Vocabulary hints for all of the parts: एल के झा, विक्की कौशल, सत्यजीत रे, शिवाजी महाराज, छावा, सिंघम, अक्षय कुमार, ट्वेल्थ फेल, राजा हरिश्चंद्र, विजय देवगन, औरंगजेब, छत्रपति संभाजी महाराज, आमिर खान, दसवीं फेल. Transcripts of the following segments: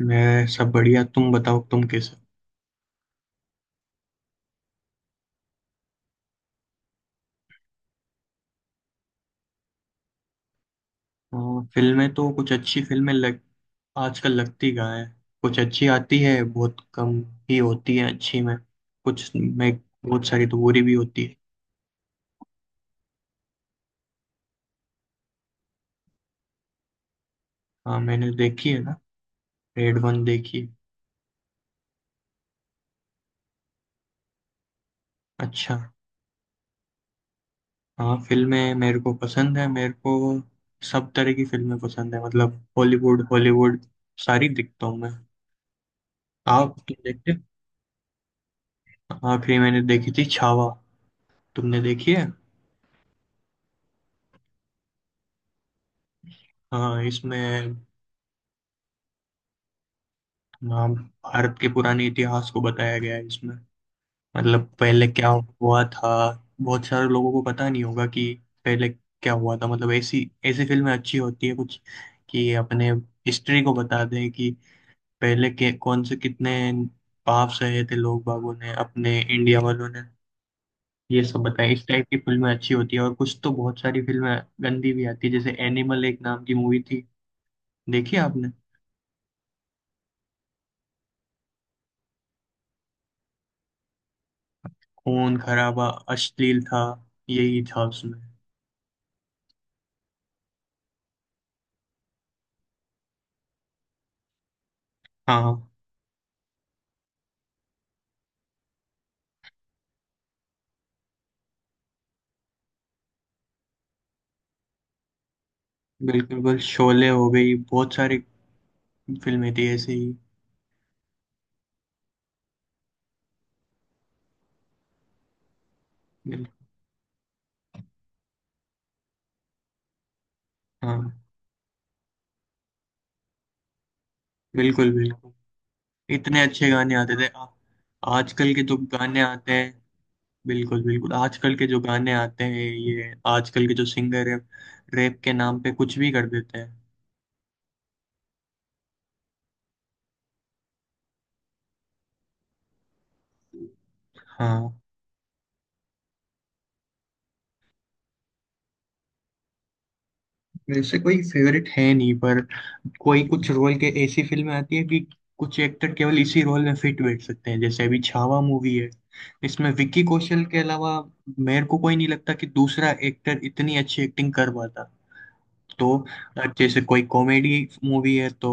मैं सब बढ़िया। तुम बताओ, तुम कैसे हो? फिल्में तो कुछ अच्छी फिल्में लग आजकल लगती कहाँ है। कुछ अच्छी आती है, बहुत कम ही होती है। अच्छी में कुछ में बहुत सारी तो बुरी भी होती है। हाँ, मैंने देखी है ना, रेड वन देखी है। अच्छा। हाँ, फिल्में मेरे को पसंद है, मेरे को सब तरह की फिल्में पसंद है, मतलब बॉलीवुड हॉलीवुड सारी देखता हूँ मैं। आप तुम देखते हो? हाँ, फिर मैंने देखी थी छावा, तुमने देखी है? हाँ, इसमें। हाँ, भारत के पुराने इतिहास को बताया गया है इसमें, मतलब पहले क्या हुआ था। बहुत सारे लोगों को पता नहीं होगा कि पहले क्या हुआ था, मतलब ऐसी ऐसी फिल्में अच्छी होती है कुछ, कि अपने हिस्ट्री को बता दें कि पहले के कौन से कितने पाप सहे थे लोग बागों ने, अपने इंडिया वालों ने। ये सब बताया। इस टाइप की फिल्में अच्छी होती है, और कुछ तो बहुत सारी फिल्में गंदी भी आती है, जैसे एनिमल एक नाम की मूवी थी। देखी आपने? खून खराबा, अश्लील था, यही था उसमें। हाँ, बिल्कुल बिल्कुल, शोले हो गई, बहुत सारी फिल्में थी ऐसे ही। बिल- हाँ, बिल्कुल बिल्कुल। इतने अच्छे गाने आते थे, आजकल के जो गाने आते हैं, बिल्कुल बिल्कुल। आजकल के जो गाने आते हैं, ये आजकल के जो सिंगर है, रैप के नाम पे कुछ भी कर देते हैं। हाँ, वैसे कोई फेवरेट है नहीं, पर कोई कुछ रोल के ऐसी फिल्में आती है कि कुछ एक्टर केवल इसी रोल में फिट बैठ सकते हैं। जैसे अभी छावा मूवी है, इसमें विक्की कौशल के अलावा मेरे को कोई नहीं लगता कि दूसरा एक्टर इतनी अच्छी एक्टिंग कर पाता तो। अब जैसे कोई कॉमेडी मूवी है, तो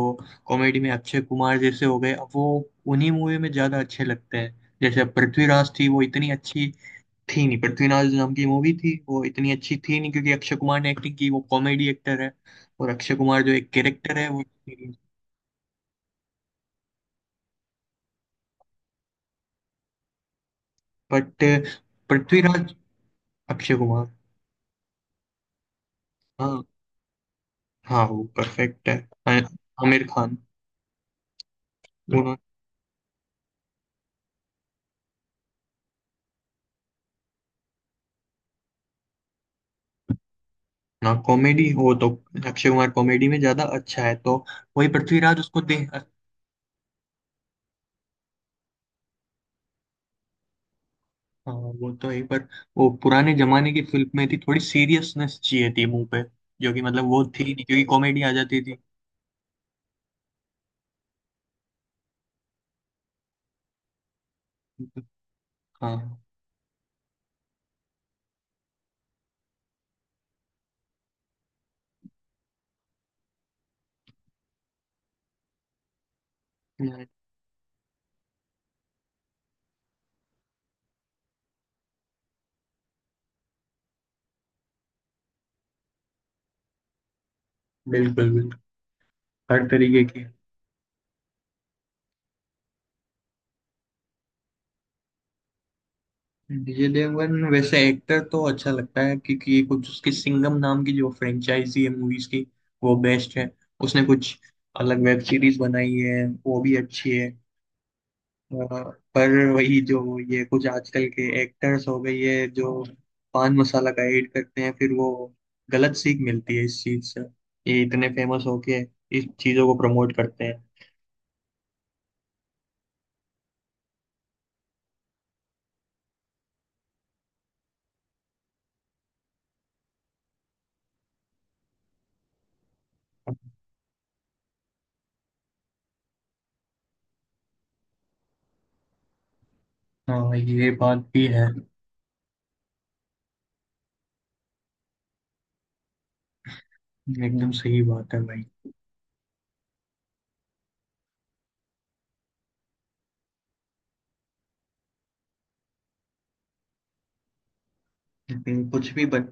कॉमेडी में अक्षय कुमार जैसे हो गए, अब वो उन्हीं मूवी में ज्यादा अच्छे लगते हैं। जैसे अब पृथ्वीराज थी, वो इतनी अच्छी थी नहीं, पृथ्वीनाज नाम की मूवी थी, वो इतनी अच्छी थी नहीं क्योंकि अक्षय कुमार ने एक्टिंग की, वो कॉमेडी एक्टर है। और अक्षय कुमार जो एक कैरेक्टर है वो, बट पृथ्वीराज, अक्षय कुमार। हाँ हाँ, वो परफेक्ट है। अ- आमिर खान। दोनों, ना कॉमेडी हो तो अक्षय कुमार कॉमेडी में ज्यादा अच्छा है, तो वही पृथ्वीराज उसको दे। हाँ, वो तो है, पर वो पुराने जमाने की फिल्म में थी, थोड़ी सीरियसनेस चाहिए थी मुंह पे, जो कि मतलब वो थी नहीं क्योंकि कॉमेडी आ जाती थी। हाँ, बिल्कुल बिल्कुल, हर तरीके की। विजय देवगन वैसे एक्टर तो अच्छा लगता है, क्योंकि ये कुछ उसकी सिंघम नाम की जो फ्रेंचाइजी है मूवीज की, वो बेस्ट है। उसने कुछ अलग वेब सीरीज बनाई है, वो भी अच्छी है। अ, पर वही जो, ये कुछ आजकल के एक्टर्स हो गए, ये जो पान मसाला का एड करते हैं, फिर वो गलत सीख मिलती है इस चीज से, ये इतने फेमस होके इस चीजों को प्रमोट करते हैं। हाँ, ये बात भी है, एकदम सही बात है भाई। लेकिन कुछ भी बन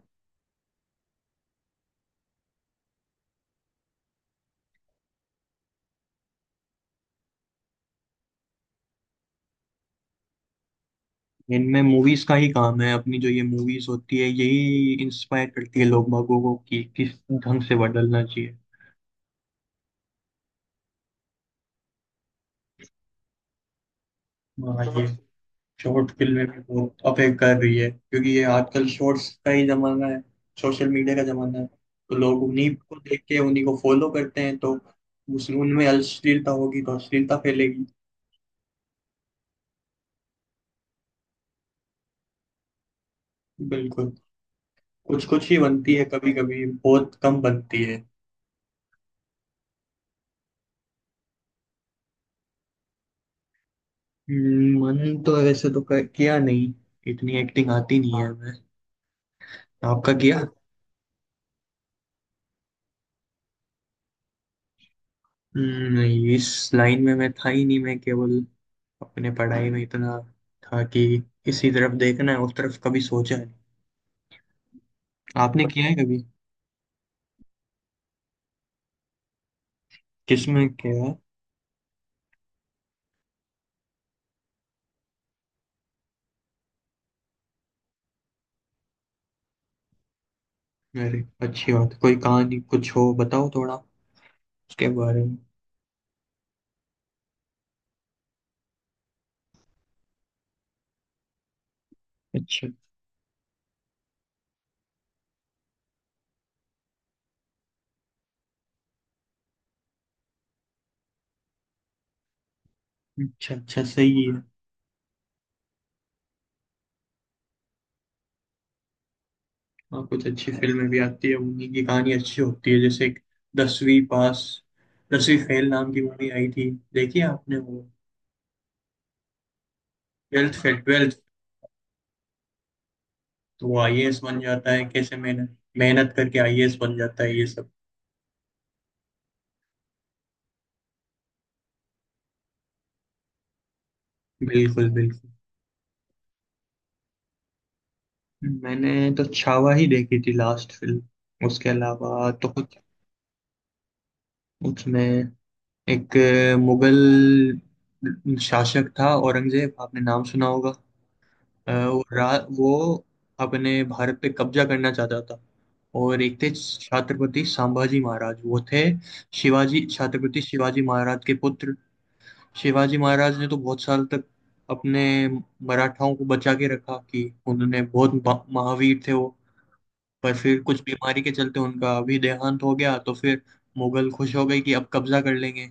इनमें मूवीज का ही काम है, अपनी जो ये मूवीज होती है यही इंस्पायर करती है लोग बागों को कि किस ढंग से बदलना चाहिए। हाँ, ये शॉर्ट फिल्में भी बहुत अफेक्ट कर रही है, क्योंकि ये आजकल शॉर्ट्स का ही जमाना है, सोशल मीडिया का जमाना है, तो लोग उन्हीं को देख के उन्हीं को फॉलो करते हैं, तो उस उनमें अश्लीलता होगी तो अश्लीलता फैलेगी। बिल्कुल, कुछ कुछ ही बनती है, कभी कभी, बहुत कम बनती है। मन तो वैसे तो किया नहीं, इतनी एक्टिंग आती नहीं है हमें। आपका किया? नहीं, इस लाइन में मैं था ही नहीं, मैं केवल अपने पढ़ाई में इतना था कि इसी तरफ देखना है, उस तरफ कभी सोचा है। आपने किया है कभी? किसमें किया है? अरे, अच्छी बात है। कोई कहानी कुछ हो बताओ थोड़ा उसके बारे में। अच्छा अच्छा अच्छा, सही है। हाँ, कुछ अच्छी फिल्में भी आती है, उन्हीं की कहानी अच्छी होती है। जैसे एक दसवीं पास, दसवीं फेल नाम की मूवी आई थी, देखिए आपने वो ट्वेल्थ फेल। तो वो आईएएस बन जाता है, कैसे मेहनत मेहनत करके आईएएस बन जाता है ये सब। बिल्कुल बिल्कुल। मैंने तो छावा ही देखी थी लास्ट फिल्म, उसके अलावा तो कुछ। उसमें एक मुगल शासक था औरंगजेब, आपने नाम सुना होगा। वो अपने भारत पे कब्जा करना चाहता था। और एक थे छत्रपति संभाजी महाराज, वो थे शिवाजी छत्रपति शिवाजी महाराज के पुत्र। शिवाजी महाराज ने तो बहुत साल तक अपने मराठाओं को बचा के रखा, कि उन्होंने बहुत महावीर थे वो। पर फिर कुछ बीमारी के चलते उनका अभी देहांत हो गया, तो फिर मुगल खुश हो गए कि अब कब्जा कर लेंगे।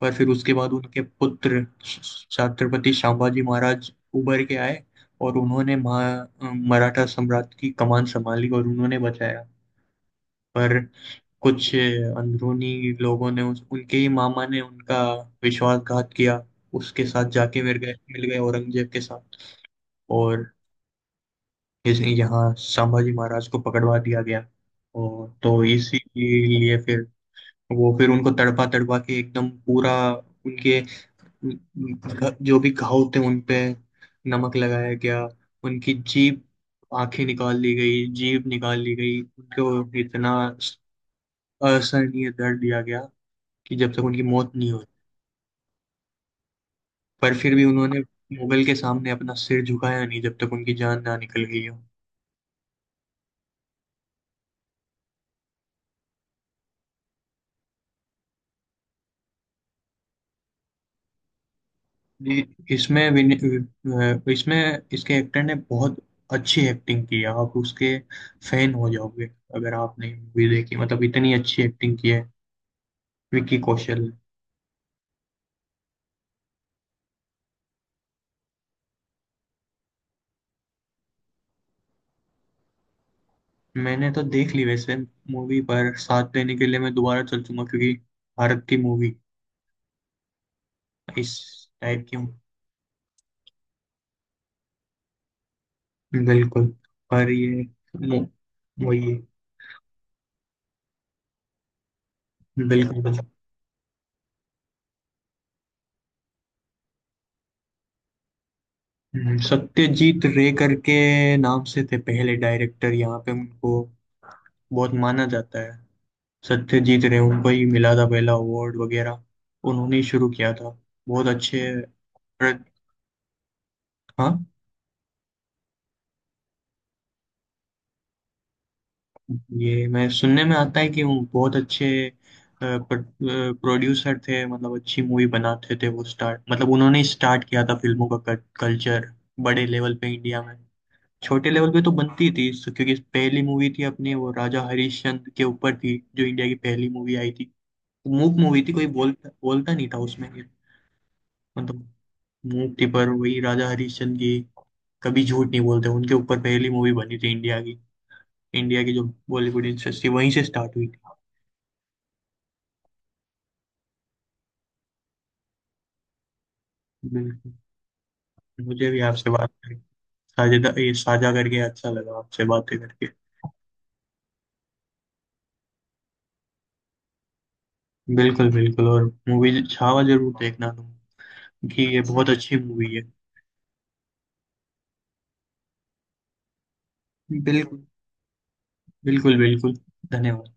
पर फिर उसके बाद उनके पुत्र छत्रपति संभाजी महाराज उभर के आए, और उन्होंने महा मराठा सम्राट की कमान संभाली और उन्होंने बचाया। पर कुछ अंदरूनी लोगों ने, उनके ही मामा ने उनका विश्वासघात किया, उसके साथ जाके मिल गए औरंगजेब के साथ। और इस यहाँ संभाजी महाराज को पकड़वा दिया गया, और तो इसी लिए फिर वो फिर उनको तड़पा तड़पा के एकदम पूरा, उनके जो भी घाव थे उन पे नमक लगाया गया। उनकी जीभ, आंखें निकाल ली गई, जीभ निकाल ली गई, उनको इतना असहनीय दर्द दिया गया, कि जब तक उनकी मौत नहीं हुई, पर फिर भी उन्होंने मुगल के सामने अपना सिर झुकाया नहीं, जब तक उनकी जान ना निकल गई हो। ये- इसमें विन- अ, इसमें इसके एक्टर ने बहुत अच्छी एक्टिंग की है, आप उसके फैन हो जाओगे अगर आपने मूवी देखी, मतलब इतनी अच्छी एक्टिंग की है विकी कौशल ने। मैंने तो देख ली वैसे मूवी, पर साथ देने के लिए मैं दोबारा चल चूंगा क्योंकि भारत की मूवी इस टाइप की हूँ। बिल्कुल, पर ये मु- वही है, बिल्कुल बिल्कुल। सत्यजीत रे करके नाम से थे पहले डायरेक्टर यहाँ पे, उनको बहुत माना जाता है। सत्यजीत रे, उनको ही मिला था पहला अवार्ड वगैरह, उन्होंने ही शुरू किया था। बहुत अच्छे प्र- हाँ, ये मैं सुनने में आता है कि वो बहुत अच्छे प्रोड्यूसर थे, मतलब अच्छी मूवी बनाते थे, वो स्टार्ट मतलब उन्होंने ही स्टार्ट किया था फिल्मों का कल्चर बड़े लेवल पे इंडिया में। छोटे लेवल पे तो बनती थी, क्योंकि पहली मूवी थी अपनी, वो राजा हरिश्चंद्र के ऊपर थी जो इंडिया की पहली मूवी आई थी। मूक मूवी थी, कोई बोलता बोलता नहीं था उसमें। मतलब मूक थी पर वही राजा हरिश्चंद्र की, कभी झूठ नहीं बोलते, उनके ऊपर पहली मूवी बनी थी इंडिया की। इंडिया की जो बॉलीवुड इंडस्ट्री वहीं से स्टार्ट हुई थी। बिल्कुल। मुझे भी आपसे बात करके, साझेदा ये साझा करके अच्छा लगा, आपसे बातें करके। बिल्कुल बिल्कुल, और मूवी छावा जरूर देखना तुम, कि ये बहुत अच्छी मूवी है। बिल्कुल बिल्कुल बिल्कुल। धन्यवाद।